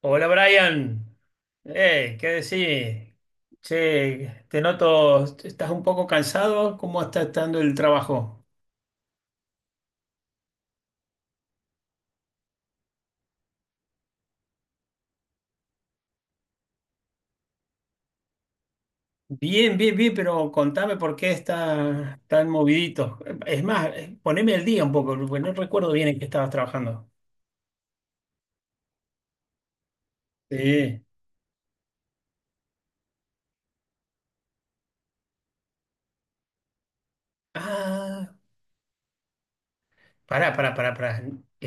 Hola Brian, ¿qué decís? Che, te noto, estás un poco cansado, ¿cómo está estando el trabajo? Bien, bien, bien, pero contame por qué estás tan movidito. Es más, poneme al día un poco, porque no recuerdo bien en qué estabas trabajando. Sí. Ah, pará, pará, pará, pará.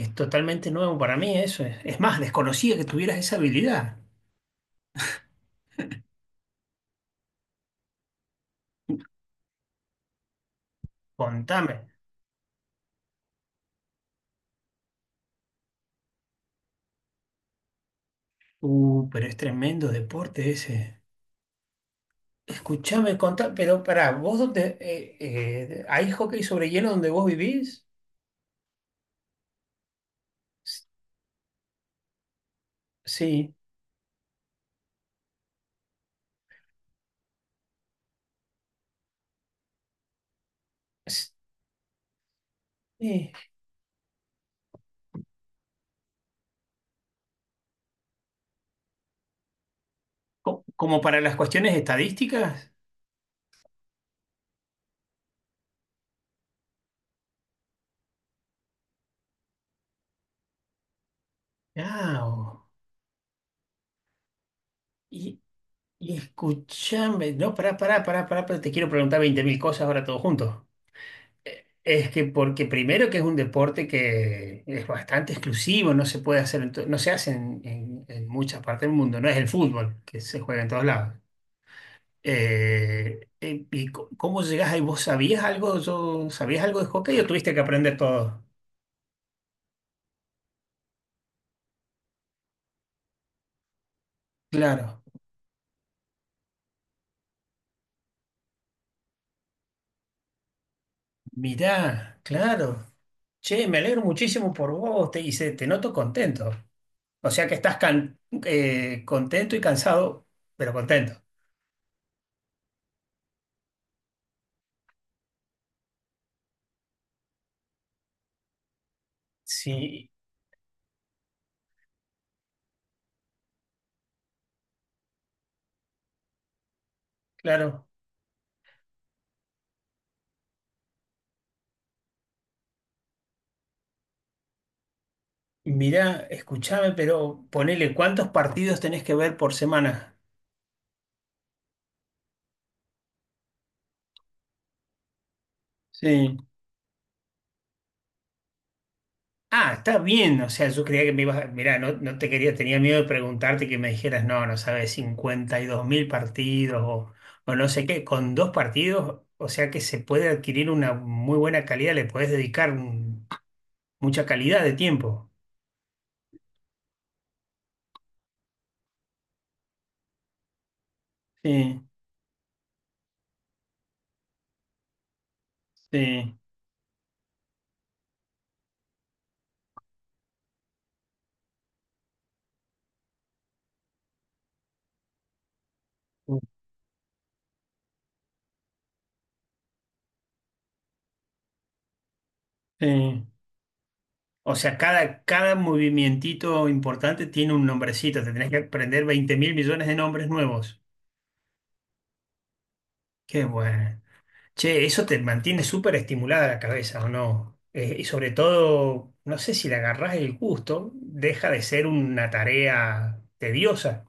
Es totalmente nuevo para mí eso. Es más, desconocía que tuvieras esa habilidad. Contame. Pero es tremendo deporte ese. Escuchame, contá, pero pará, ¿vos dónde? ¿Hay hockey sobre hielo donde vos vivís? S- Sí, S- sí. ¿Como para las cuestiones estadísticas? Ah. y, y escuchame, no, pará, pará, pará, pará, pero te quiero preguntar 20.000 cosas ahora todo junto. Es que porque primero que es un deporte que es bastante exclusivo, no se puede hacer, no se hace en, en muchas partes del mundo, no es el fútbol que se juega en todos lados. ¿Y cómo llegás ahí? ¿Vos sabías algo? ¿Yo sabías algo de hockey o tuviste que aprender todo? Claro. Mirá, claro. Che, me alegro muchísimo por vos, te noto contento. O sea que estás contento y cansado, pero contento. Sí, claro. Mirá, escuchame, pero ponele, ¿cuántos partidos tenés que ver por semana? Sí. Ah, está bien, o sea, yo creía que me ibas, mirá, no, no te quería, tenía miedo de preguntarte y que me dijeras, no, no sabes, 52 mil partidos o no sé qué, con dos partidos, o sea que se puede adquirir una muy buena calidad, le podés dedicar mucha calidad de tiempo. Sí, sí, sí. O sea, cada movimientito importante tiene un nombrecito, te tenés que aprender 20 mil millones de nombres nuevos. Qué bueno. Che, eso te mantiene súper estimulada la cabeza, ¿o no? Y sobre todo, no sé si le agarrás el gusto, deja de ser una tarea tediosa,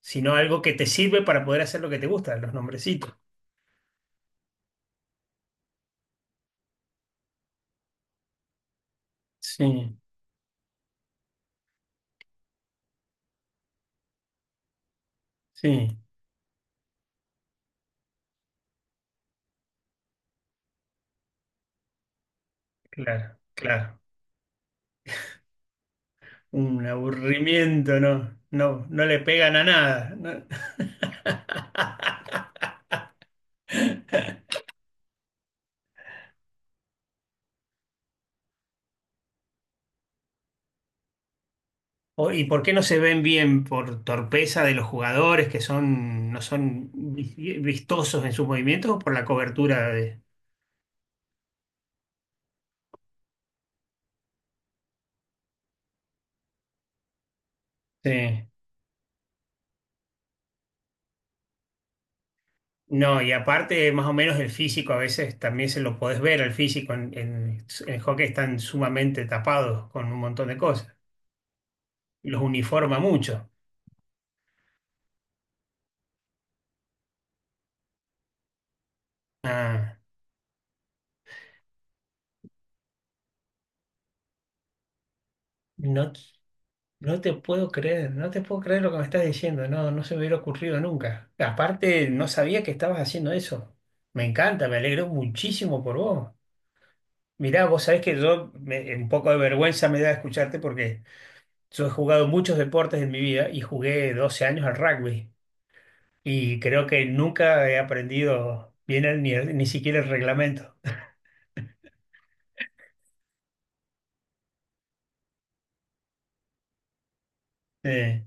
sino algo que te sirve para poder hacer lo que te gusta, los nombrecitos. Sí, sí, claro, claro. Un aburrimiento, no, no, no le pegan a nada, ¿no? ¿Y por qué no se ven bien? ¿Por torpeza de los jugadores que son, no son vistosos en sus movimientos o por la cobertura de? Sí. No, y aparte, más o menos el físico a veces también se lo podés ver, el físico en, en hockey están sumamente tapados con un montón de cosas. Los uniforma mucho. Ah. No, no te puedo creer, no te puedo creer lo que me estás diciendo, no, no se me hubiera ocurrido nunca. Aparte, no sabía que estabas haciendo eso. Me encanta, me alegro muchísimo por vos. Mirá, vos sabés que un poco de vergüenza me da escucharte porque yo he jugado muchos deportes en mi vida y jugué 12 años al rugby. Y creo que nunca he aprendido bien ni, siquiera el reglamento eh,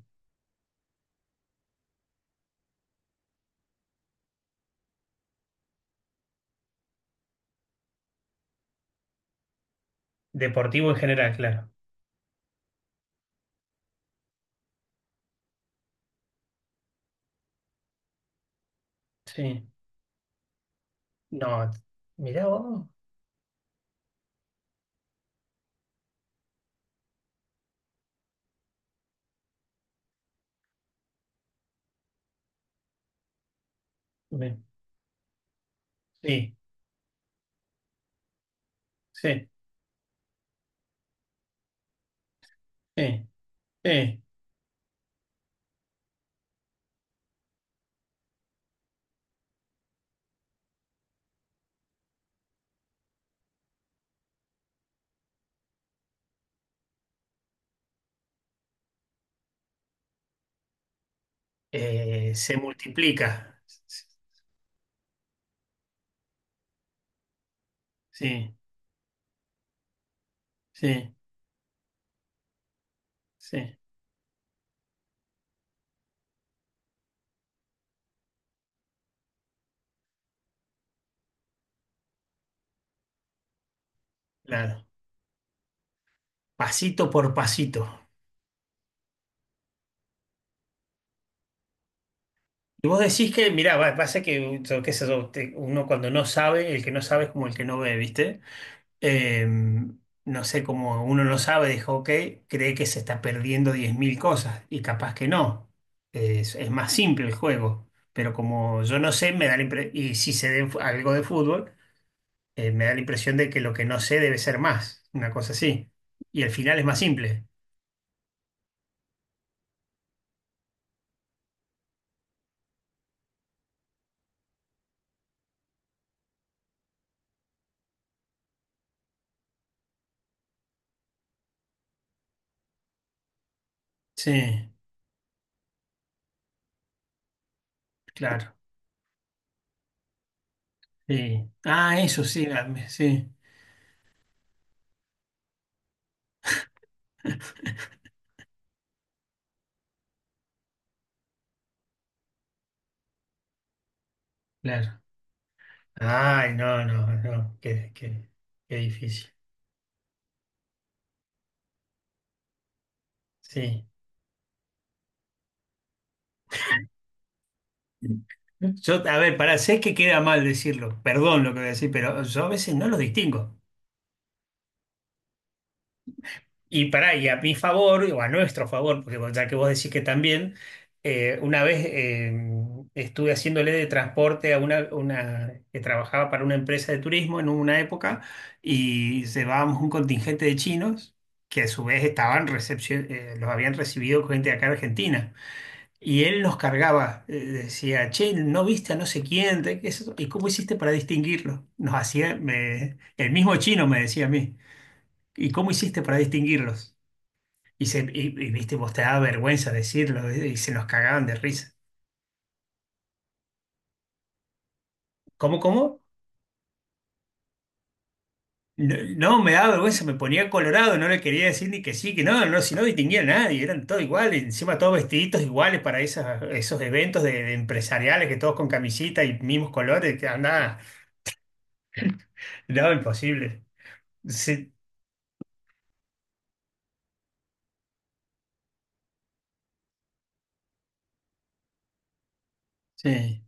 deportivo en general, claro. Sí, no, mirá vos. Me- Sí, sí, sí, sí. Se multiplica. Sí, sí, sí, claro. Pasito por pasito. Y vos decís que, mirá, pasa que yo qué sé yo, uno cuando no sabe, el que no sabe es como el que no ve, ¿viste? eh, no sé, como uno no sabe, dijo, ok, cree que se está perdiendo 10.000 cosas y capaz que no. Es más simple el juego, pero como yo no sé, me da y si sé de algo de fútbol, me da la impresión de que lo que no sé debe ser más, una cosa así. Y al final es más simple. Sí, claro, sí. Ah, eso sí, sí, claro. Ay, no, no, no, qué, qué, qué difícil. Sí. Yo, a ver, para sé que queda mal decirlo, perdón lo que voy a decir, pero yo a veces no los distingo. Y para y a mi favor, o a nuestro favor, porque ya que vos decís que también, una vez estuve haciéndole de transporte a una que trabajaba para una empresa de turismo en una época y llevábamos un contingente de chinos que a su vez estaban los habían recibido gente de acá de Argentina. Y él los cargaba, decía, che, ¿no viste a no sé quién? ¿De qué es eso? ¿Y cómo hiciste para distinguirlo? Nos hacía, el mismo chino me decía a mí, ¿y cómo hiciste para distinguirlos? Y, viste, vos te daba vergüenza decirlo, y se nos cagaban de risa. ¿Cómo, cómo? No, no, me daba vergüenza, me ponía colorado, no le quería decir ni que sí, que no, no, si no distinguía a nadie, eran todos iguales, encima todos vestiditos iguales para esas, esos eventos de empresariales, que todos con camisita y mismos colores, que andaba, no, imposible. Sí, sí.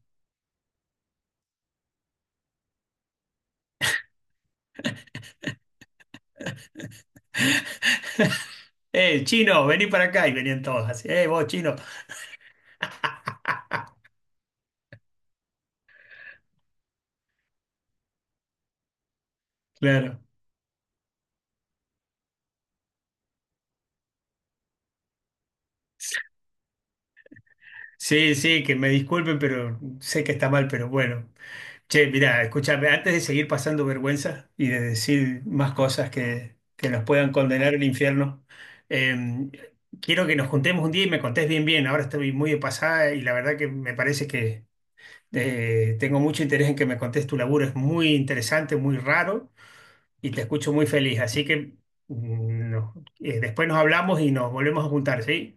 Chino, vení para acá y venían todos así. Vos, chino. Claro. Sí, sí, que me disculpen, pero sé que está mal, pero bueno. Che, mirá, escúchame, antes de seguir pasando vergüenza y de decir más cosas que nos puedan condenar al infierno, eh, quiero que nos juntemos un día y me contés bien, bien. Ahora estoy muy de pasada y la verdad que me parece que tengo mucho interés en que me contés tu laburo. Es muy interesante, muy raro y te escucho muy feliz. Así que mm, no. Después nos hablamos y nos volvemos a juntar, ¿sí?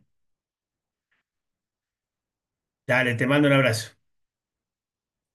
Dale, te mando un abrazo.